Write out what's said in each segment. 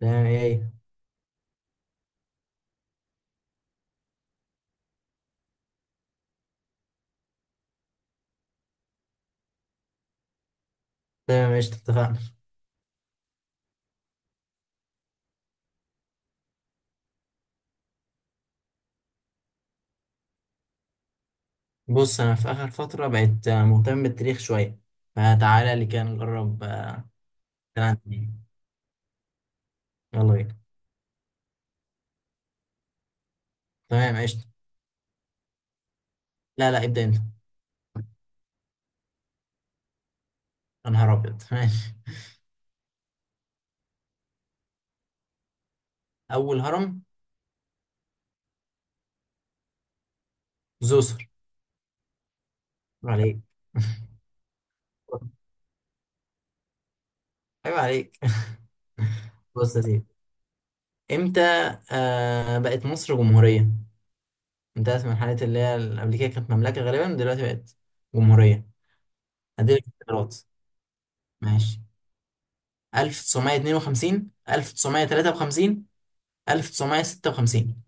تمام ايه. تمام، ايش اتفقنا؟ بص، انا في اخر فترة بقيت مهتم بالتاريخ شوية، فتعالى اللي كان نقرب كلام تاني. يلا بينا. تمام ايش. لا لا، ابدأ انت. يا نهار ابيض، ماشي. اول هرم؟ زوسر. عيب عليك. عيب عليك. بص يا سيدي، امتى بقت مصر جمهورية؟ انتهت من حالة اللي هي قبل كده كانت مملكة، غالبا دلوقتي بقت جمهورية. هديلك اختيارات. ماشي، 1952، 1953، 1956.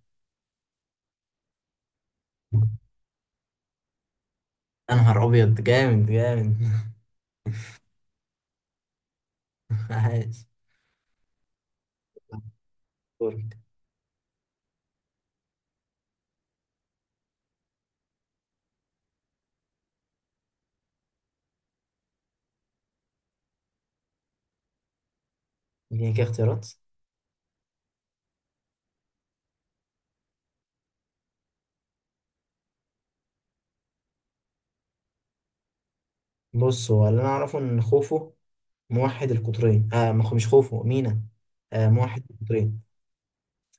يا نهار أبيض، جامد جامد. عاش. دورك. اديني كده اختيارات. بص، هو اللي أنا أعرفه إن خوفو موحد القطرين. مش خوفو، مينا. موحد القطرين.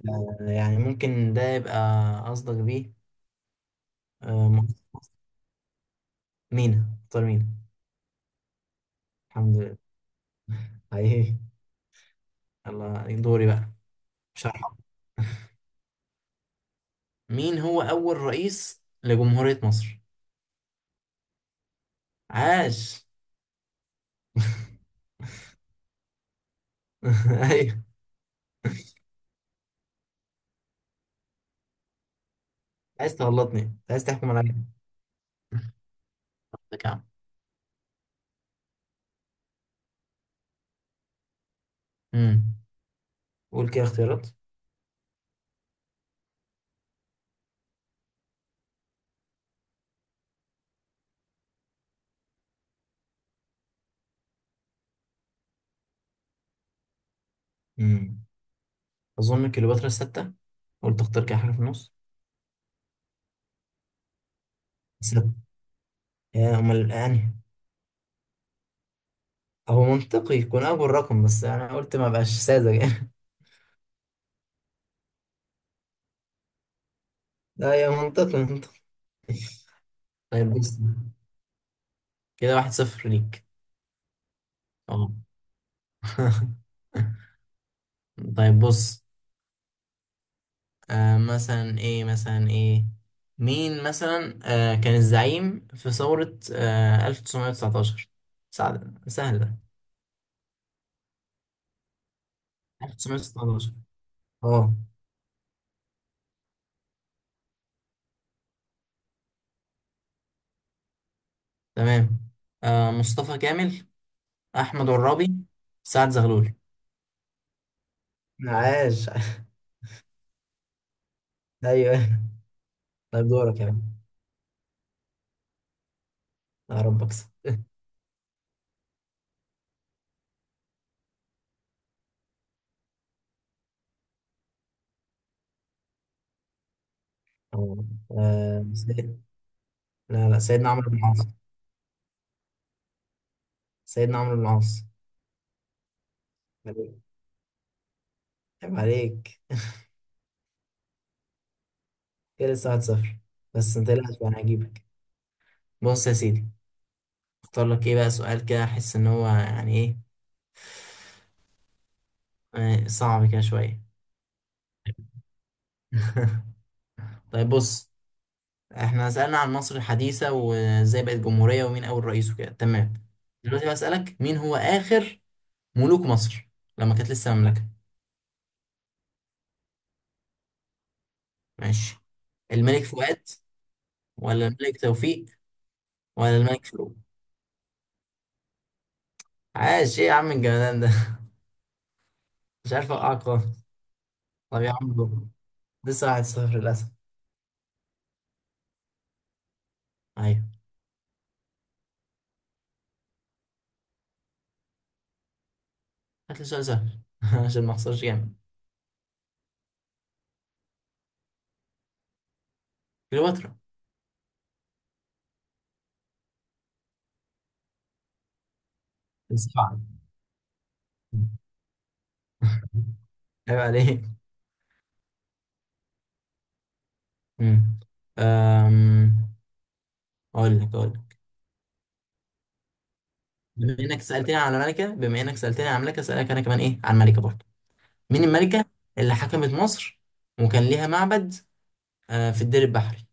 يعني ممكن ده يبقى قصدك بيه. آه م- مينا. قطر مينا. الحمد لله، حقيقي. يلا دوري بقى، مش هرحم. مين هو أول رئيس لجمهورية مصر؟ عاش. ايوه. عايز تغلطني، عايز تحكم عليا؟ لك يا عم. امم قول كده اختيارات. امم اظن كليوباترا الستة. قلت اختار كده حاجه في النص. ستة، يا امال يعني. هو منطقي يكون اول رقم، بس انا قلت ما بقاش ساذج يعني. لا يا، منطقي منطقي. طيب بص، كده واحد صفر ليك. اه. طيب بص، مثلا ايه مثلا ايه. مين مثلا كان الزعيم في ثورة 1919؟ سعد سهل ده. 1919، اه. تمام، مصطفى كامل، أحمد عرابي، سعد زغلول. عاش. ايوه، طيب دورك يا عم. يا رب اكسب. آه، آه، سيد... لا لا، سيدنا عمرو بن العاص. سيدنا عمرو بن العاص. عيب عليك. كده لسه 1-0. بس انت، لا انا هجيبك. بص يا سيدي، اختار لك ايه بقى سؤال؟ كده احس ان هو يعني ايه، صعب كده شوية. طيب بص، احنا سألنا عن مصر الحديثة، وازاي بقت جمهورية، ومين اول رئيس، وكده تمام. دلوقتي بسألك، مين هو اخر ملوك مصر لما كانت لسه مملكة؟ ماشي. الملك فؤاد؟ ولا الملك توفيق؟ ولا الملك فاروق؟ عاش، ايه يا عم الجمدان ده. مش عارف اوقعك خالص. طب يا عم دور. لسه واحد صفر للاسف. ايوه، هات لي سؤال سهل عشان ما اخسرش جامد. كليوباترا السبعة. عيب عليك. مم. أم... أقول لك. بما إنك سألتني عن الملكة، أسألك أنا كمان إيه عن الملكة برضه. مين الملكة اللي حكمت مصر وكان ليها معبد في الدير البحري؟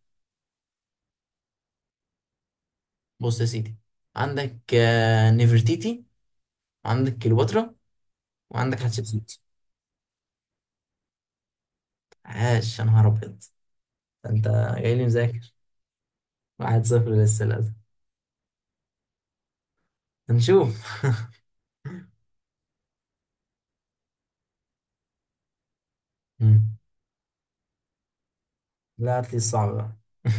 بص يا سيدي، عندك نفرتيتي، وعندك كليوباترا، وعندك حتشبسوت. عاش، يا نهار أبيض، ده أنت جاي لي مذاكر. واحد صفر لسه للأسف. هنشوف. مم. لا، هات لي الصعب بقى.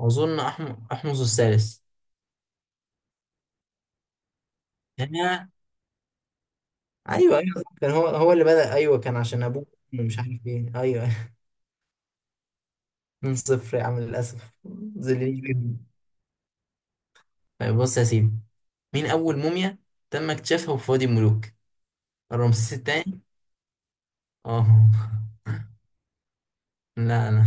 أظن أحمس الثالث. ياه، ايوه ايوه صح، كان هو اللي بدأ، ايوه كان عشان ابوه مش عارف ايه، ايوه. من صفر يا عم للاسف. ذلني جدا. طيب بص يا سيدي، مين اول موميا تم اكتشافها في وادي الملوك؟ رمسيس الثاني. اه. لا لا،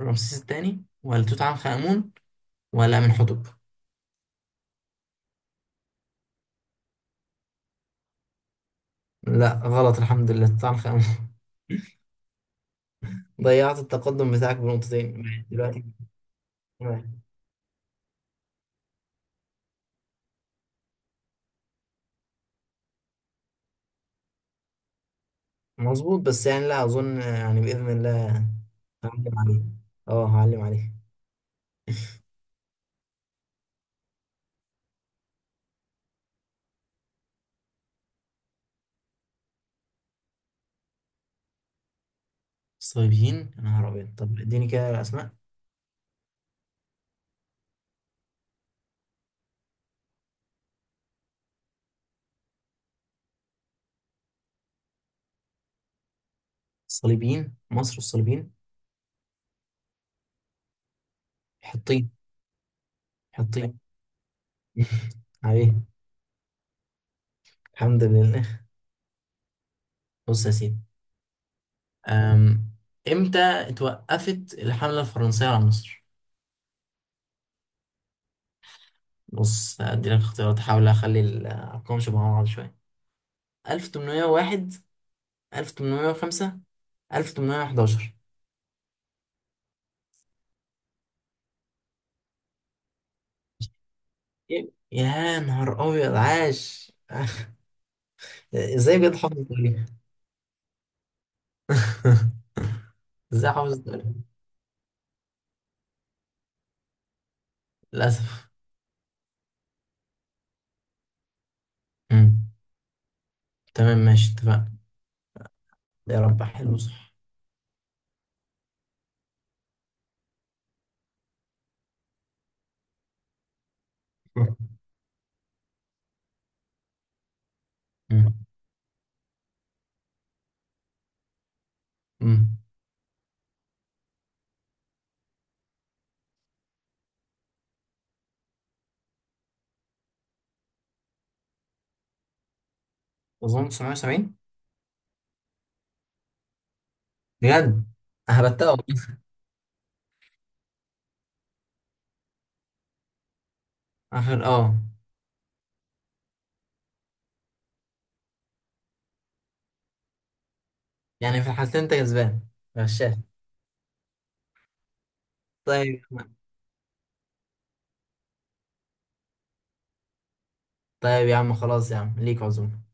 رمسيس الثاني ولا توت عنخ امون ولا امين حتب؟ لا غلط، الحمد لله، توت عنخ امون. ضيعت التقدم بتاعك بنقطتين. دلوقتي مظبوط، بس يعني لا اظن، يعني باذن الله هعلم عليه اه هعلم عليه. الصليبيين، يا نهار أبيض، طب اديني كده أسماء. الصليبيين، مصر والصليبيين. حطين. حطين. عليه الحمد لله. بص يا سيدي، أم، إمتى اتوقفت الحملة الفرنسية على مصر؟ بص، أدي لك اختيارات، أحاول أخلي الأرقام شبه بعض شوية. 1801، 1805، 1811. يا نهار أبيض، عاش. إزاي بجد حافظ التاريخ؟ إزاي حافظ التاريخ؟ للأسف. مم. تمام، ماشي، اتفقنا. يا رب حلو، صح. مم. مم. اظن 970. بجد. هبتها والله. اخر، اه. يعني في الحالتين انت كسبان؟ غشاش. طيب. طيب يا عم، خلاص، يا عم ليك عزومه.